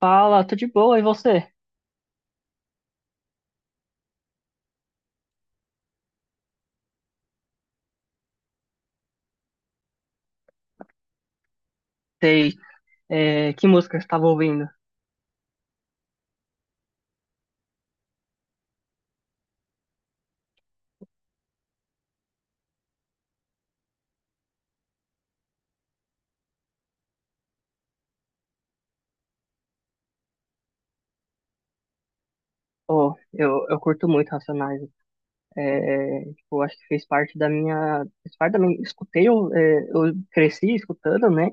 Fala, tô de boa, e você? Sei. É, que música você estava ouvindo? Eu curto muito Racionais. Tipo, acho que fez parte da minha. Fez parte da minha. Escutei, eu cresci escutando, né?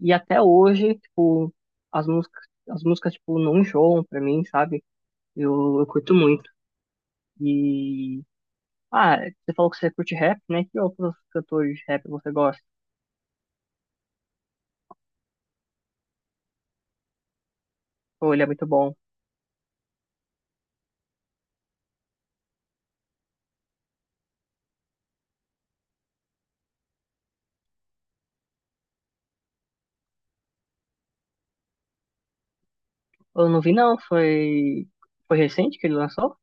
E até hoje, tipo, as músicas, tipo, não enjoam pra mim, sabe? Eu curto muito. E. Ah, você falou que você curte rap, né? Que outros cantores de rap você gosta? Pô, ele é muito bom. Eu não vi, não. Foi. Foi recente que ele lançou?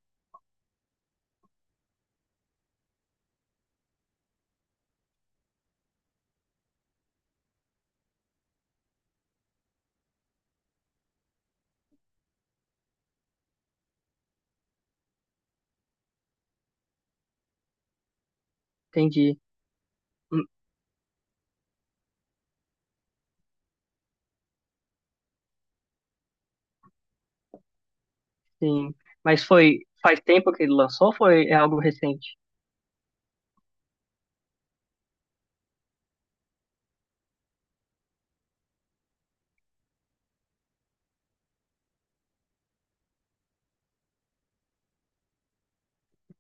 Entendi. Sim. Mas foi faz tempo que ele lançou ou foi é algo recente?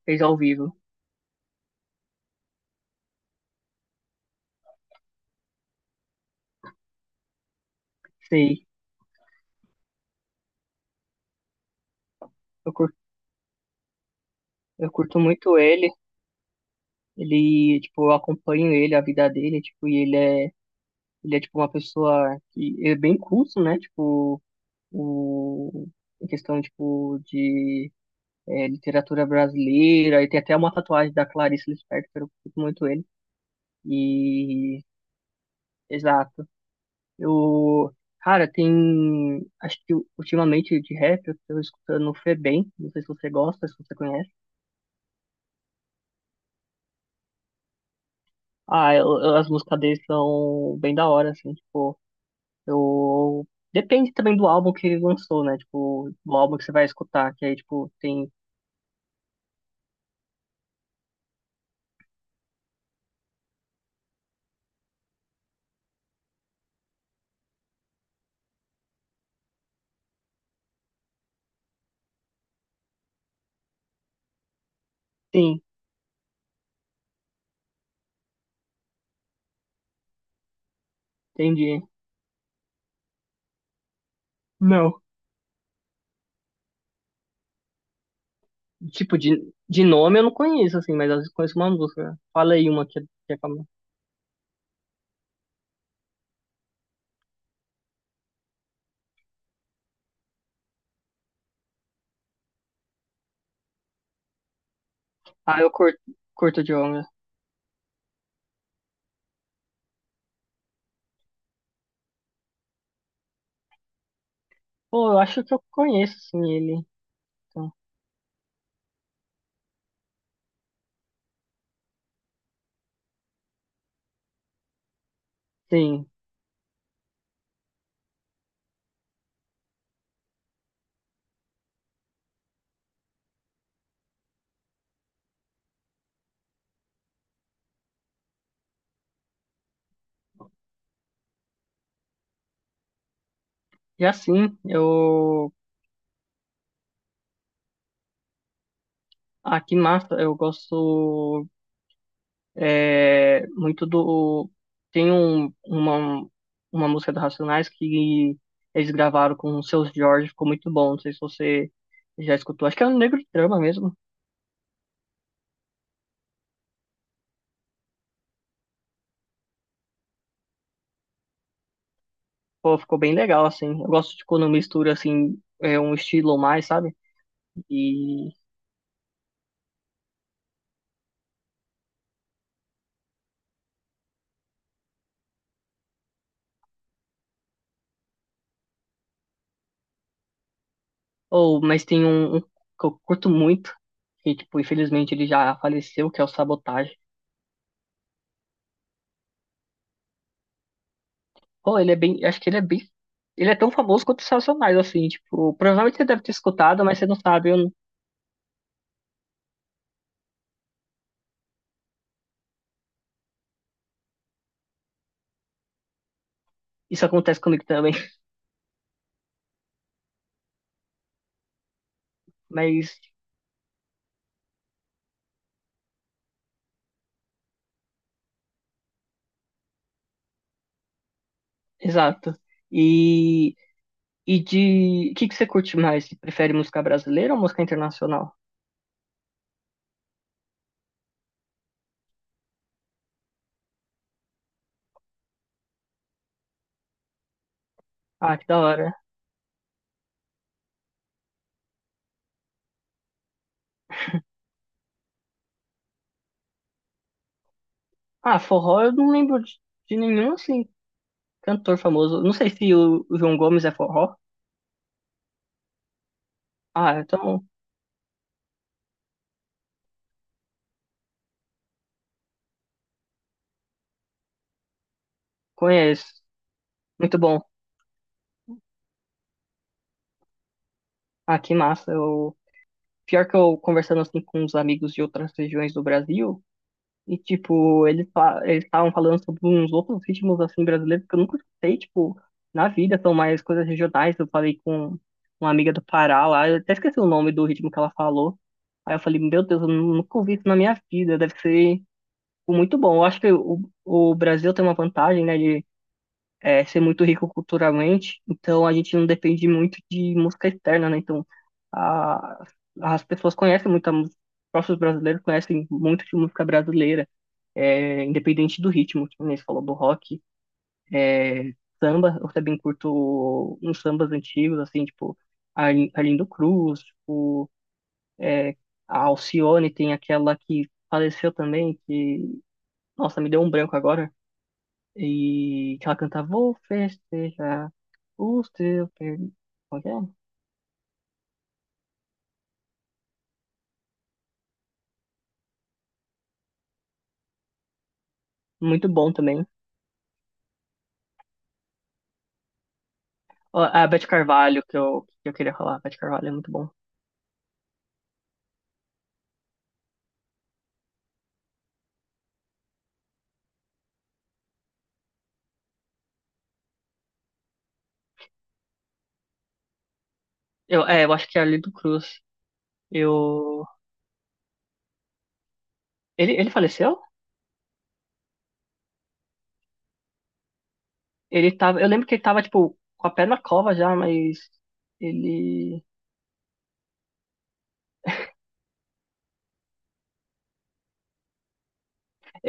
Fez ao vivo. Sei. Eu curto, eu curto muito ele. Ele, tipo, eu acompanho ele, a vida dele, tipo, e ele é tipo uma pessoa que é bem culto, né? Tipo, o em questão tipo de é, literatura brasileira, e tem até uma tatuagem da Clarice Lispector, eu curto muito ele. E exato. Eu, cara, tem. Acho que ultimamente de rap eu tô escutando o Febem. Não sei se você gosta, se você conhece. Ah, as músicas dele são bem da hora, assim, tipo, eu. Depende também do álbum que ele lançou, né? Tipo, do álbum que você vai escutar, que aí, tipo, tem. Sim, entendi. Não. Tipo, de nome eu não conheço, assim, mas eu conheço uma música. Fala aí uma que é famosa. Ah, eu curto, curto de onda. Pô, eu acho que eu conheço, assim, ele. Então, sim. E assim, eu aqui em Massa eu gosto é, muito do tem um, uma música do Racionais que eles gravaram com o Seu Jorge, ficou muito bom. Não sei se você já escutou. Acho que é um Negro de Trama mesmo. Pô, ficou bem legal assim. Eu gosto de quando mistura assim é um estilo mais, sabe? E ou mas tem um, um que eu curto muito que tipo infelizmente ele já faleceu, que é o Sabotagem. Pô, ele é bem. Acho que ele é bem. Ele é tão famoso quanto os Racionais, assim, tipo, provavelmente você deve ter escutado, mas você não sabe, eu não- isso acontece comigo também. Mas, exato. E, e de. O que que você curte mais? Você prefere música brasileira ou música internacional? Ah, que da hora. Ah, forró eu não lembro de nenhum, assim, cantor famoso. Não sei se o João Gomes é forró. Ah, então conheço. Muito bom. Ah, que massa. Eu, pior que eu conversando assim com uns amigos de outras regiões do Brasil. E, tipo, eles estavam falando sobre uns outros ritmos, assim, brasileiros que eu nunca escutei, tipo, na vida, são mais coisas regionais. Eu falei com uma amiga do Pará lá, eu até esqueci o nome do ritmo que ela falou. Aí eu falei, meu Deus, eu nunca ouvi isso na minha vida, deve ser tipo, muito bom. Eu acho que o Brasil tem uma vantagem, né, de é, ser muito rico culturalmente, então a gente não depende muito de música externa, né, então a, as pessoas conhecem muito a música, os próprios brasileiros conhecem muito de música brasileira, é, independente do ritmo, que nem você falou do rock, é, samba, eu também curto uns sambas antigos, assim, tipo, Arlindo Cruz, tipo, é, a Alcione tem aquela que faleceu também, que, nossa, me deu um branco agora, e que ela canta Vou festejar o seu perdi-" Como que é? Muito bom também. Ó, A Beth Carvalho, que eu queria falar, a Beth Carvalho é muito bom. Eu acho que é a Arlindo Cruz. Eu... Ele faleceu? Ele tava, eu lembro que ele tava, tipo, com a pé na cova já, mas ele.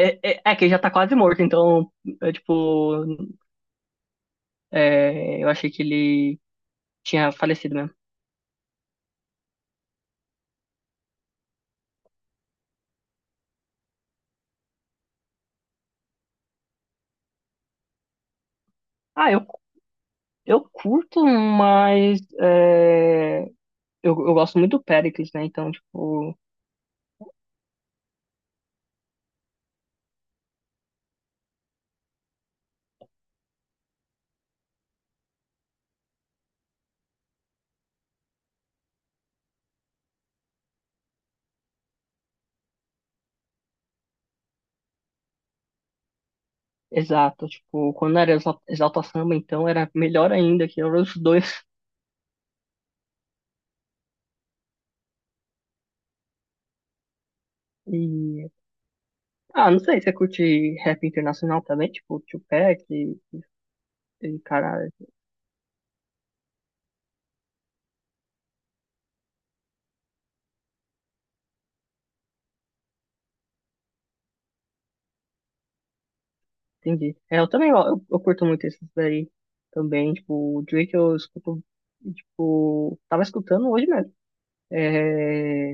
É que ele já tá quase morto, então, é, tipo, é, eu achei que ele tinha falecido mesmo. Ah, eu, eu curto, mas é, eu gosto muito do Pericles, né? Então, tipo, exato, tipo, quando era Exalta Samba, então era melhor ainda, que eram os dois. E, ah, não sei, você curte rap internacional também, tipo, Tupac e cara. Entendi. É, eu também, ó, eu curto muito esses daí também, tipo, o Drake eu escuto, tipo, tava escutando hoje mesmo. É,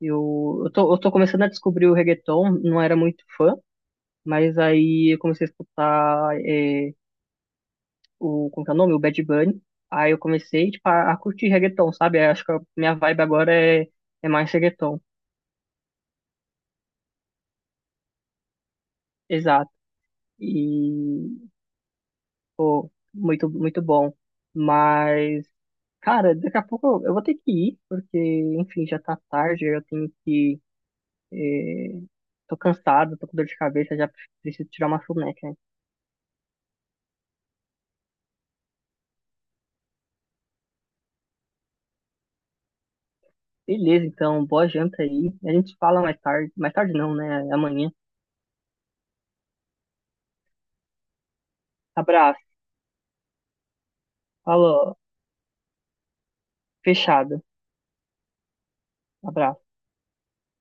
eu tô começando a descobrir o reggaeton, não era muito fã, mas aí eu comecei a escutar, é, o, como que é o nome? O Bad Bunny. Aí eu comecei, tipo, a curtir reggaeton, sabe? Eu acho que a minha vibe agora é, é mais reggaeton. Exato. E, pô, muito, muito bom. Mas... Cara, daqui a pouco eu vou ter que ir, porque, enfim, já tá tarde, eu tenho que. eh, Tô cansado, tô com dor de cabeça, já preciso tirar uma soneca. Beleza, então, boa janta aí. A gente se fala mais tarde. Mais tarde não, né? Amanhã. Abraço. Falou. Fechado. Abraço.